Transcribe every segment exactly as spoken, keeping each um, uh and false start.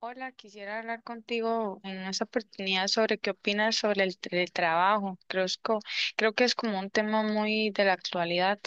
Hola, quisiera hablar contigo en esta oportunidad sobre qué opinas sobre el teletrabajo. Creo, es co- creo que es como un tema muy de la actualidad.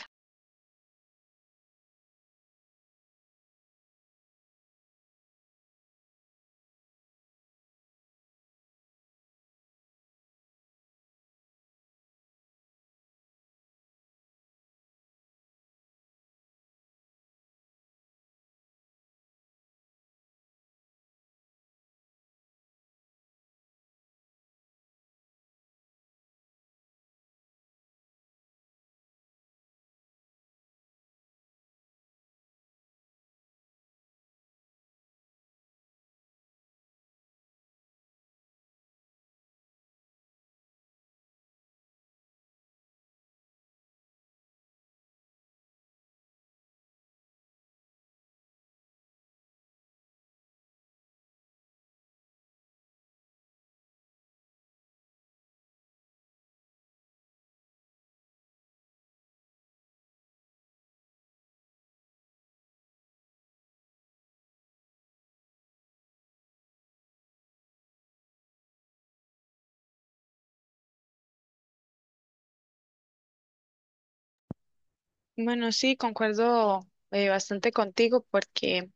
Bueno, sí, concuerdo eh, bastante contigo porque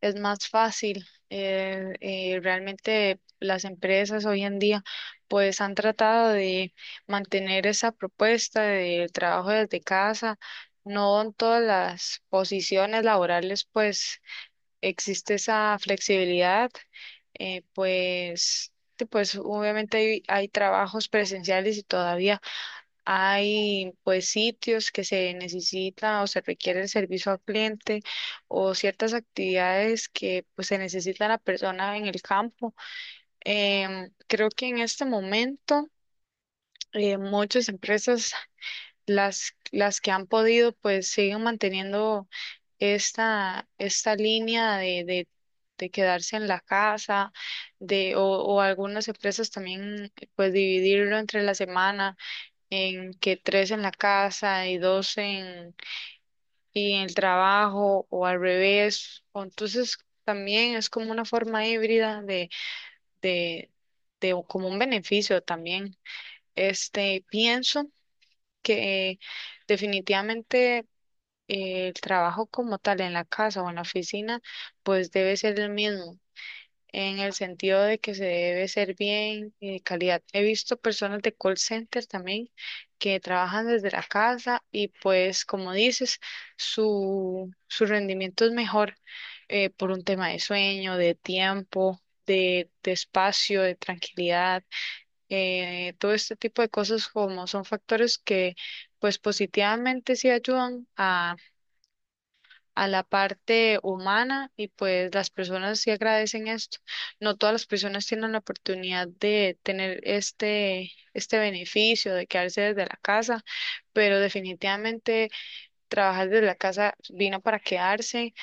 es más fácil. Eh, eh, realmente las empresas hoy en día pues han tratado de mantener esa propuesta de trabajo desde casa. No en todas las posiciones laborales pues existe esa flexibilidad. Eh, pues, te- pues obviamente hay, hay trabajos presenciales y todavía hay pues sitios que se necesita o se requiere el servicio al cliente o ciertas actividades que pues se necesita la persona en el campo. Em, creo que en este momento, eh, muchas empresas, las, las que han podido, pues siguen manteniendo esta, esta línea de, de, de quedarse en la casa, de, o, o algunas empresas también pues dividirlo entre la semana, en que tres en la casa y dos en, y en el trabajo, o al revés. O entonces también es como una forma híbrida de, de, de o como un beneficio también. Este, pienso que definitivamente, eh, el trabajo como tal en la casa o en la oficina pues debe ser el mismo, en el sentido de que se debe ser bien y de calidad. He visto personas de call center también que trabajan desde la casa y pues como dices, su, su rendimiento es mejor, eh, por un tema de sueño, de tiempo. De, de espacio, de tranquilidad. Eh, todo este tipo de cosas como son factores que pues positivamente sí ayudan a la parte humana y pues las personas sí agradecen esto. No todas las personas tienen la oportunidad de tener este, este beneficio de quedarse desde la casa, pero definitivamente trabajar desde la casa vino para quedarse.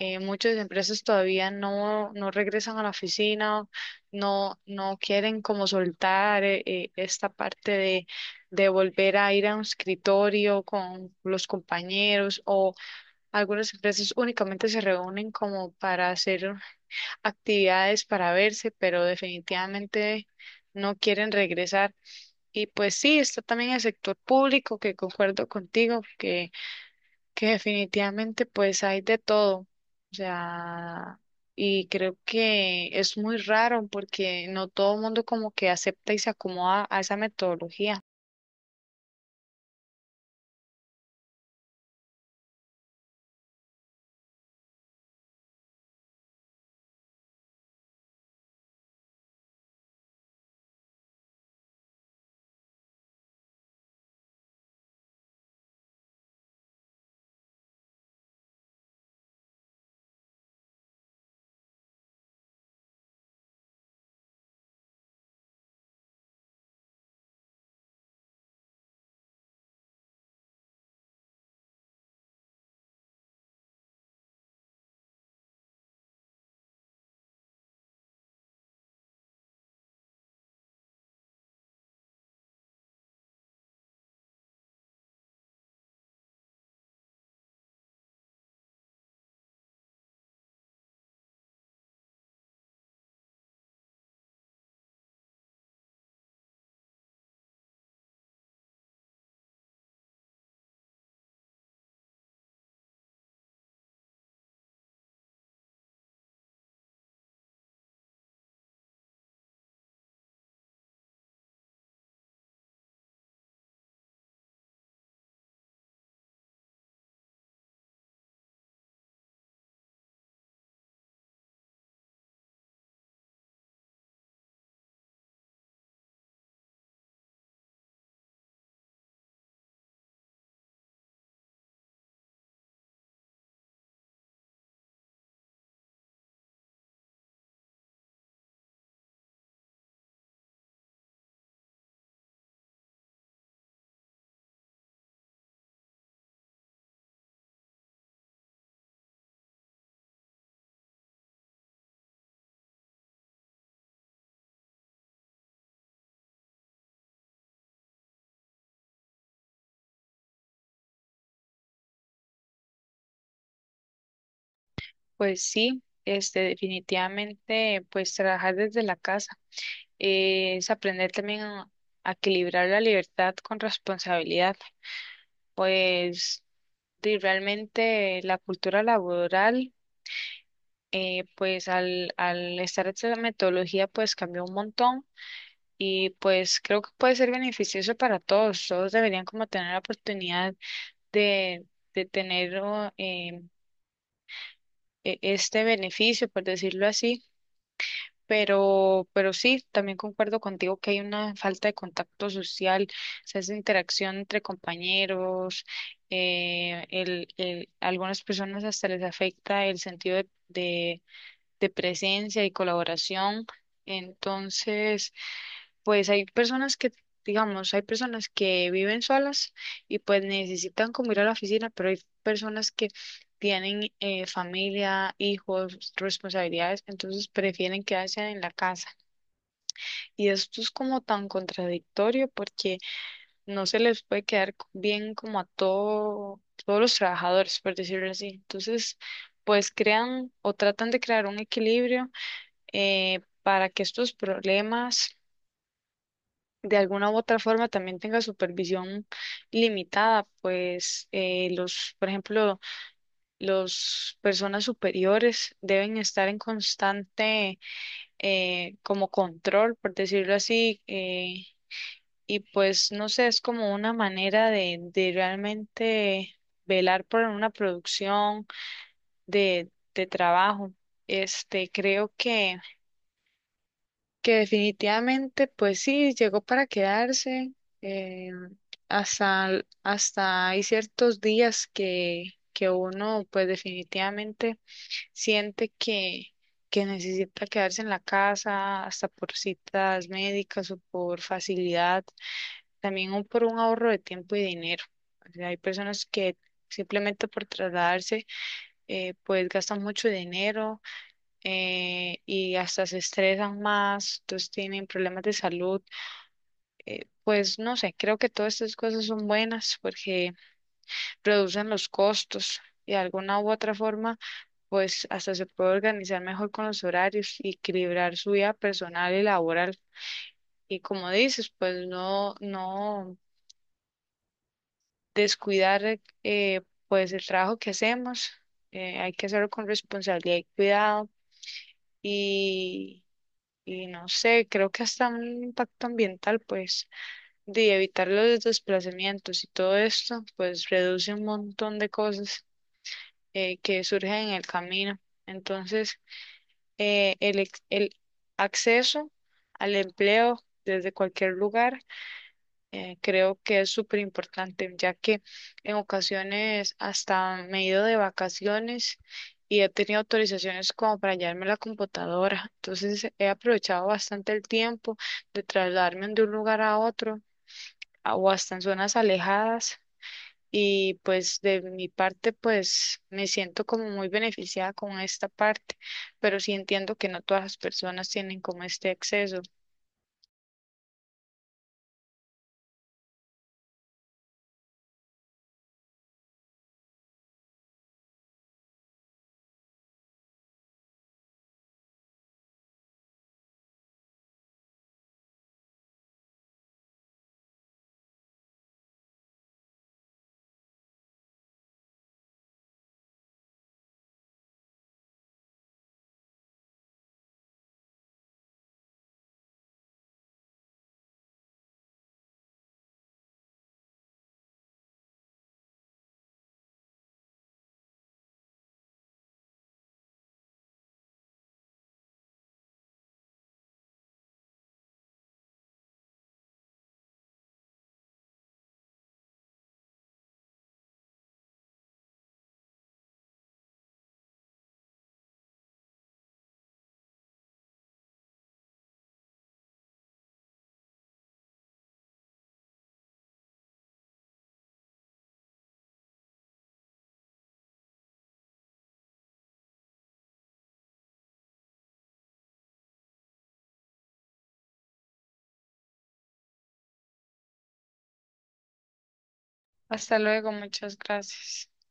Eh, muchas empresas todavía no, no regresan a la oficina, no, no quieren como soltar eh, eh, esta parte de de volver a ir a un escritorio con los compañeros, o algunas empresas únicamente se reúnen como para hacer actividades, para verse, pero definitivamente no quieren regresar. Y pues sí, está también el sector público, que concuerdo contigo, que, que definitivamente pues hay de todo. O sea, y creo que es muy raro porque no todo el mundo como que acepta y se acomoda a esa metodología. Pues sí, este, definitivamente pues trabajar desde la casa. Eh, es aprender también a, a equilibrar la libertad con responsabilidad, pues di, realmente la cultura laboral, eh, pues al, al estar esta metodología, pues cambió un montón y pues creo que puede ser beneficioso para todos, todos deberían como tener la oportunidad de, de tener oh, eh, e- este beneficio, por decirlo así. Pero, pero sí, también concuerdo contigo que hay una falta de contacto social, o sea, esa interacción entre compañeros. Eh, el, el- a algunas personas hasta les afecta el sentido de, de, de presencia y colaboración. Entonces pues hay personas que, digamos, hay personas que viven solas y pues necesitan como ir a la oficina, pero hay personas que tienen eh, familia, hijos, responsabilidades, entonces prefieren quedarse en la casa. Y esto es como tan contradictorio porque no se les puede quedar c- bien como a todo, todos los trabajadores, por decirlo así. Entonces pues crean o tratan de crear un equilibrio eh, para que estos problemas de alguna u otra forma también tengan supervisión limitada. Pues eh, los, por ejemplo, los personas superiores deben estar en constante eh, como control, por decirlo así. eh, Y pues no sé, es como una manera de, de realmente velar por una producción de, de trabajo. Este, creo que, que definitivamente pues sí, llegó para quedarse. eh, hasta, l- Hasta hay ciertos días que, que uno pues definitivamente siente que, que necesita quedarse en la casa, hasta por citas médicas o por facilidad también un- por un ahorro de tiempo y dinero. O sea, hay personas que simplemente por trasladarse, eh, pues gastan mucho dinero eh, y hasta se estresan más, entonces tienen problemas de salud. Eh, pues no sé, creo que todas estas cosas son buenas porque reducen los costos. Y de alguna u otra forma, pues hasta se puede organizar mejor con los horarios y equilibrar su vida personal y laboral. Y como dices, pues no, no. descuidar eh, eh, pues el trabajo que hacemos. Eh, hay que hacerlo con responsabilidad y cuidado, y, y no sé, creo que hasta un impacto ambiental pues de evitar los desplazamientos y todo esto pues reduce un montón de cosas eh, que surgen en el camino. Entonces, eh, el, ex- el acceso al empleo desde cualquier lugar, Eh, creo que es súper importante, ya que en ocasiones hasta me he ido de vacaciones y he tenido autorizaciones como para llevarme la computadora. Entonces he aprovechado bastante el tiempo de trasladarme de un lugar a otro a- o hasta en zonas alejadas. Y pues de mi parte, pues me siento como muy beneficiada con esta parte, pero sí entiendo que no todas las personas tienen como este acceso. Hasta luego, muchas gracias.